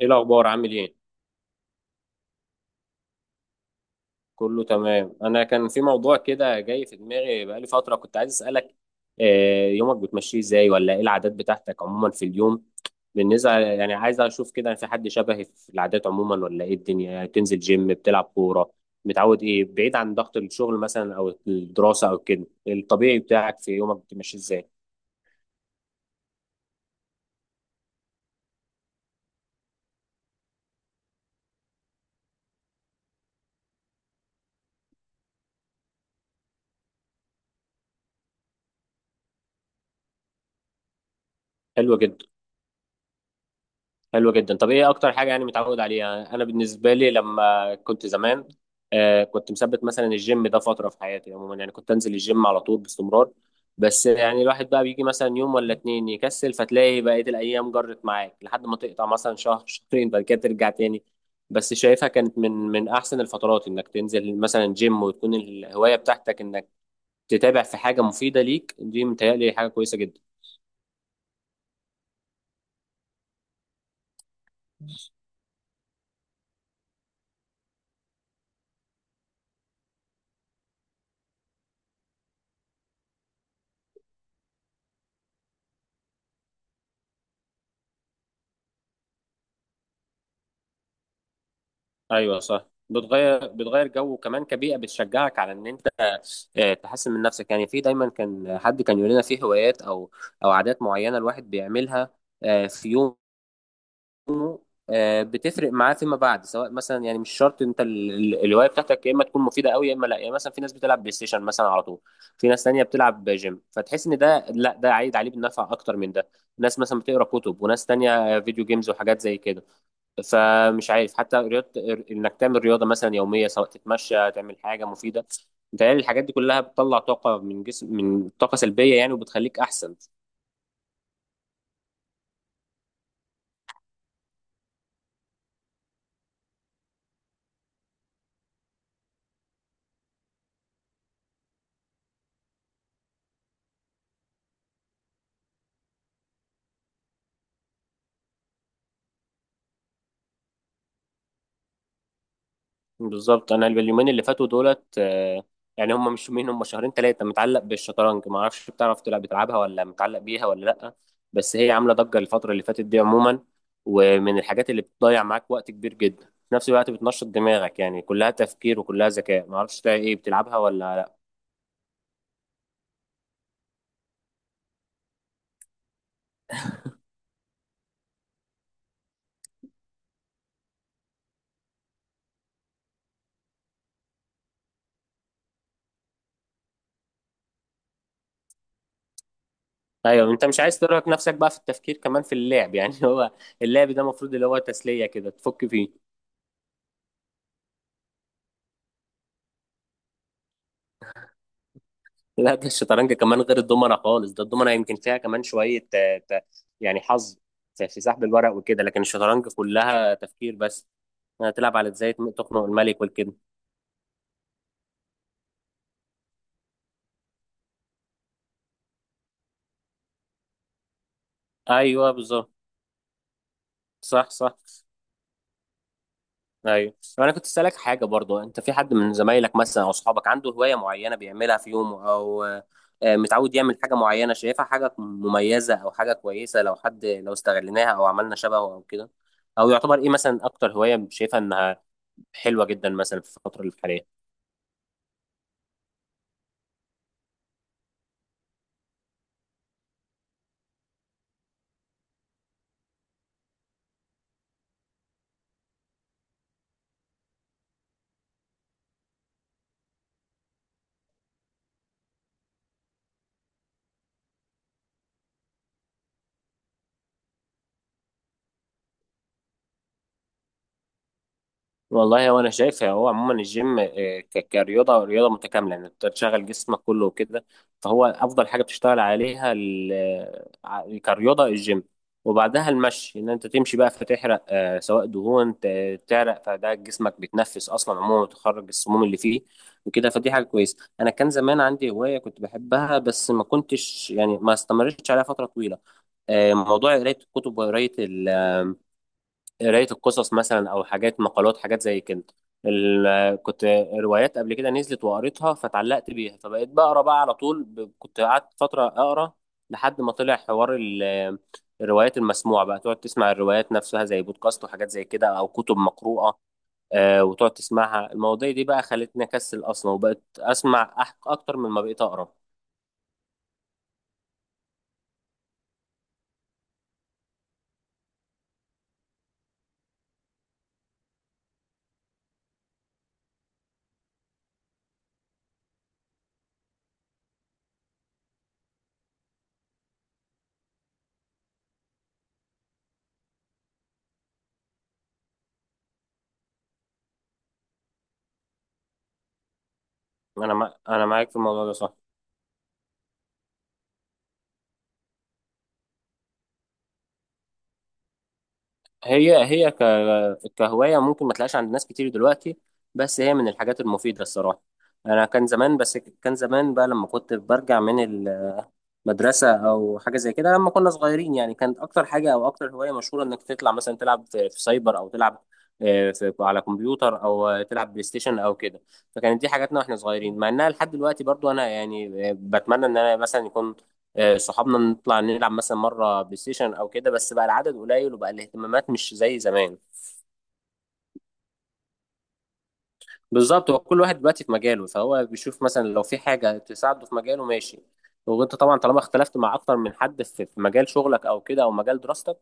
ايه الاخبار؟ عامل ايه؟ كله تمام. انا كان في موضوع كده جاي في دماغي بقالي فتره، كنت عايز اسالك. يومك بتمشيه ازاي، ولا ايه العادات بتاعتك عموما في اليوم؟ بالنسبه يعني عايز اشوف كده في حد شبهي في العادات عموما، ولا ايه الدنيا؟ يعني تنزل جيم، بتلعب كوره، متعود ايه بعيد عن ضغط الشغل مثلا او الدراسه او كده؟ الطبيعي بتاعك في يومك بتمشيه ازاي؟ حلو جدا. حلو جدا. طب ايه اكتر حاجه يعني متعود عليها؟ انا بالنسبه لي لما كنت زمان، آه كنت مثبت مثلا الجيم ده فتره في حياتي عموما، يعني كنت انزل الجيم على طول باستمرار. بس يعني الواحد بقى بيجي مثلا يوم ولا اتنين يكسل، فتلاقي بقيه الايام جرت معاك لحد ما تقطع مثلا شهر شهرين، بعد كده ترجع تاني. بس شايفها كانت من احسن الفترات انك تنزل مثلا جيم وتكون الهوايه بتاعتك انك تتابع في حاجه مفيده ليك. دي متهيألي حاجه كويسه جدا. ايوه صح. بتغير، بتغير جو، وكمان كبيئه بتشجعك على ان انت تحسن من نفسك. يعني في دايما كان حد كان يقول لنا في هوايات او او عادات معينه الواحد بيعملها في يومه بتفرق معاه فيما بعد. سواء مثلا يعني مش شرط انت الهوايه بتاعتك يا اما تكون مفيده قوي يا اما لا. يعني مثلا في ناس بتلعب بلاي ستيشن مثلا على طول، في ناس تانية بتلعب جيم، فتحس ان ده لا، ده عايد عليه بالنفع اكتر من ده. ناس مثلا بتقرا كتب، وناس تانية فيديو جيمز وحاجات زي كده. فمش عارف، حتى رياضة، انك تعمل رياضة مثلا يومية، سواء تتمشى تعمل حاجة مفيدة. متهيألي الحاجات دي كلها بتطلع طاقة من جسم، من طاقة سلبية يعني، وبتخليك أحسن. بالظبط. أنا اليومين اللي فاتوا دولت، يعني هم مش يومين، هم شهرين ثلاثة، متعلق بالشطرنج. ما أعرفش، بتعرف تلعب، بتلعبها ولا متعلق بيها ولا لأ؟ بس هي عاملة ضجة الفترة اللي فاتت دي عموما، ومن الحاجات اللي بتضيع معاك وقت كبير جدا. في نفس الوقت بتنشط دماغك، يعني كلها تفكير وكلها ذكاء. ما أعرفش إيه، بتلعبها ولا؟ ايوه، انت مش عايز ترهق نفسك بقى في التفكير كمان في اللعب يعني. هو اللعب ده المفروض اللي هو تسليه كده تفك فيه. لا، ده الشطرنج كمان غير الدومنه خالص. ده الدومنه يمكن فيها كمان شويه يعني حظ في سحب الورق وكده. لكن الشطرنج كلها تفكير بس، هتلعب على ازاي تخنق الملك والكده. ايوه بالظبط. صح صح. ايوه، طب انا كنت اسالك حاجه برضو، انت في حد من زمايلك مثلا او اصحابك عنده هوايه معينه بيعملها في يومه، او متعود يعمل حاجه معينه شايفها حاجه مميزه او حاجه كويسه، لو حد لو استغليناها او عملنا شبهه او كده؟ او يعتبر ايه مثلا اكتر هوايه شايفها انها حلوه جدا مثلا في الفتره الحاليه؟ والله، هو انا شايف هو عموما الجيم كرياضه، رياضه متكامله يعني، انت تشغل جسمك كله وكده. فهو افضل حاجه بتشتغل عليها كرياضه الجيم. وبعدها المشي، ان انت تمشي بقى فتحرق سواء دهون، تعرق، فده جسمك بيتنفس اصلا عموما وتخرج السموم اللي فيه وكده. فدي حاجه كويسه. انا كان زمان عندي هوايه كنت بحبها، بس ما كنتش يعني ما استمرتش عليها فتره طويله، موضوع قرايه الكتب، وقرايه قراية القصص مثلا، أو حاجات مقالات حاجات زي كده. كنت روايات قبل كده نزلت وقريتها فتعلقت بيها، فبقيت بقرا بقى على طول. كنت قعدت فترة أقرا لحد ما طلع حوار الروايات المسموعة بقى، تقعد تسمع الروايات نفسها زي بودكاست وحاجات زي كده أو كتب مقروءة، وتقعد تسمعها. المواضيع دي بقى خلتني أكسل أصلا، وبقيت أسمع أكتر من ما بقيت أقرا. أنا معاك في الموضوع ده، صح. هي هي ك... كهواية ممكن ما تلاقيش عند ناس كتير دلوقتي، بس هي من الحاجات المفيدة الصراحة. أنا كان زمان، بس كان زمان بقى لما كنت برجع من مدرسة أو حاجة زي كده لما كنا صغيرين، يعني كانت أكتر حاجة أو أكتر هواية مشهورة إنك تطلع مثلا تلعب في سايبر، أو تلعب في على كمبيوتر، أو تلعب بلاي ستيشن أو كده. فكانت دي حاجاتنا وإحنا صغيرين. مع إنها لحد دلوقتي برضو أنا يعني بتمنى إن أنا مثلا يكون صحابنا نطلع نلعب مثلا مرة بلاي ستيشن أو كده، بس بقى العدد قليل وبقى الاهتمامات مش زي زمان. بالظبط. هو كل واحد دلوقتي في مجاله، فهو بيشوف مثلا لو في حاجة تساعده في مجاله ماشي. وانت طبعا طالما اختلفت مع اكتر من حد في مجال شغلك او كده او مجال دراستك،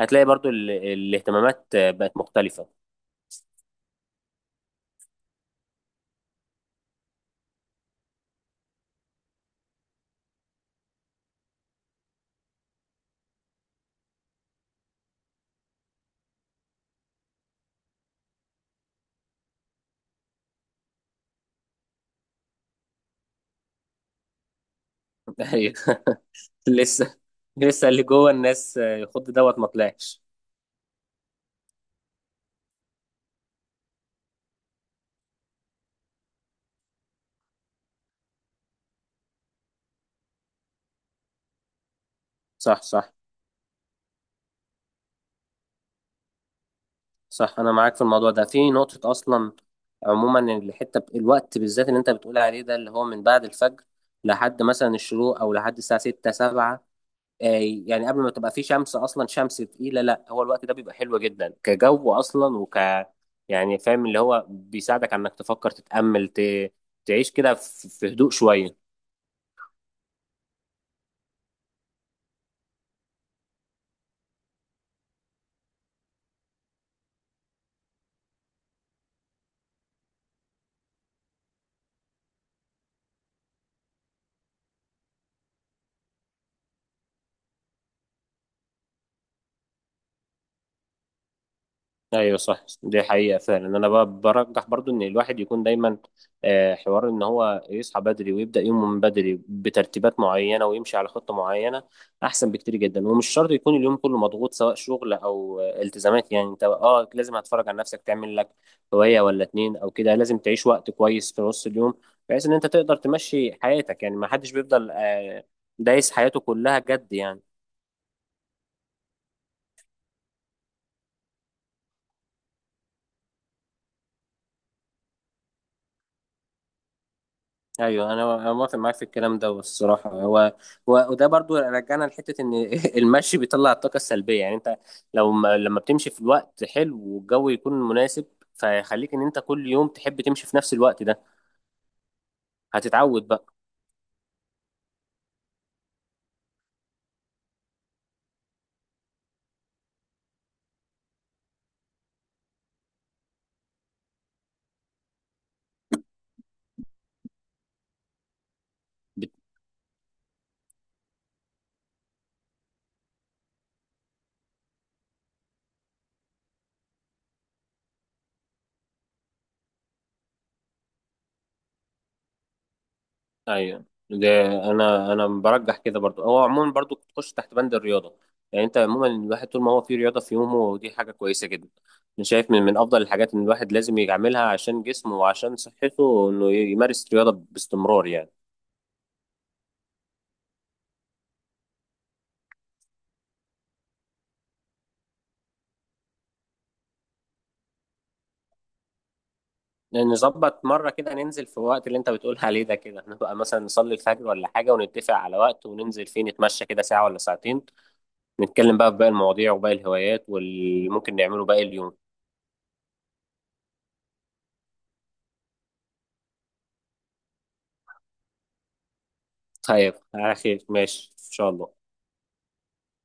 هتلاقي برضو الاهتمامات بقت مختلفة. أيوة. لسه، لسه اللي جوه الناس يخد دوت ما طلعش. صح صح. صح، انا معاك في الموضوع ده في نقطة اصلا. عموما الحتة الوقت بالذات اللي انت بتقول عليه ده، اللي هو من بعد الفجر لحد مثلا الشروق او لحد الساعة 6 7، آه، يعني قبل ما تبقى في شمس اصلا، شمس تقيله. لا هو الوقت ده بيبقى حلو جدا كجو اصلا، يعني فاهم اللي هو بيساعدك على انك تفكر تتامل، تعيش كده في هدوء شويه. ايوه صح، دي حقيقة فعلا. انا برجح برضو ان الواحد يكون دايما حوار ان هو يصحى بدري ويبدأ يومه من بدري بترتيبات معينة ويمشي على خطة معينة، احسن بكتير جدا. ومش شرط يكون اليوم كله مضغوط سواء شغل او التزامات، يعني انت اه لازم هتفرج على نفسك، تعمل لك هواية ولا اتنين او كده. لازم تعيش وقت كويس في نص اليوم، بحيث ان انت تقدر تمشي حياتك. يعني ما حدش بيفضل دايس حياته كلها جد يعني. ايوه انا، أنا موافق معاك في الكلام ده الصراحه. وده برضو رجعنا لحته ان المشي بيطلع الطاقه السلبيه. يعني انت لو ما لما بتمشي في الوقت حلو والجو يكون مناسب، فيخليك ان انت كل يوم تحب تمشي في نفس الوقت ده، هتتعود بقى. بت... ايوه، ده انا برجح كده برضو. هو عموما برضو تخش تحت بند الرياضه. يعني انت عموما الواحد طول ما هو في رياضه في يومه، دي حاجه كويسه جدا. انا شايف من افضل الحاجات ان الواحد لازم يعملها عشان جسمه وعشان صحته، انه يمارس رياضه باستمرار يعني. نظبط مرة كده، ننزل في الوقت اللي انت بتقول عليه ده كده، نبقى مثلا نصلي الفجر ولا حاجة ونتفق على وقت وننزل فيه، نتمشى كده ساعة ولا ساعتين، نتكلم بقى في باقي المواضيع وباقي الهوايات واللي ممكن نعمله باقي اليوم. طيب على خير، ماشي ان شاء الله.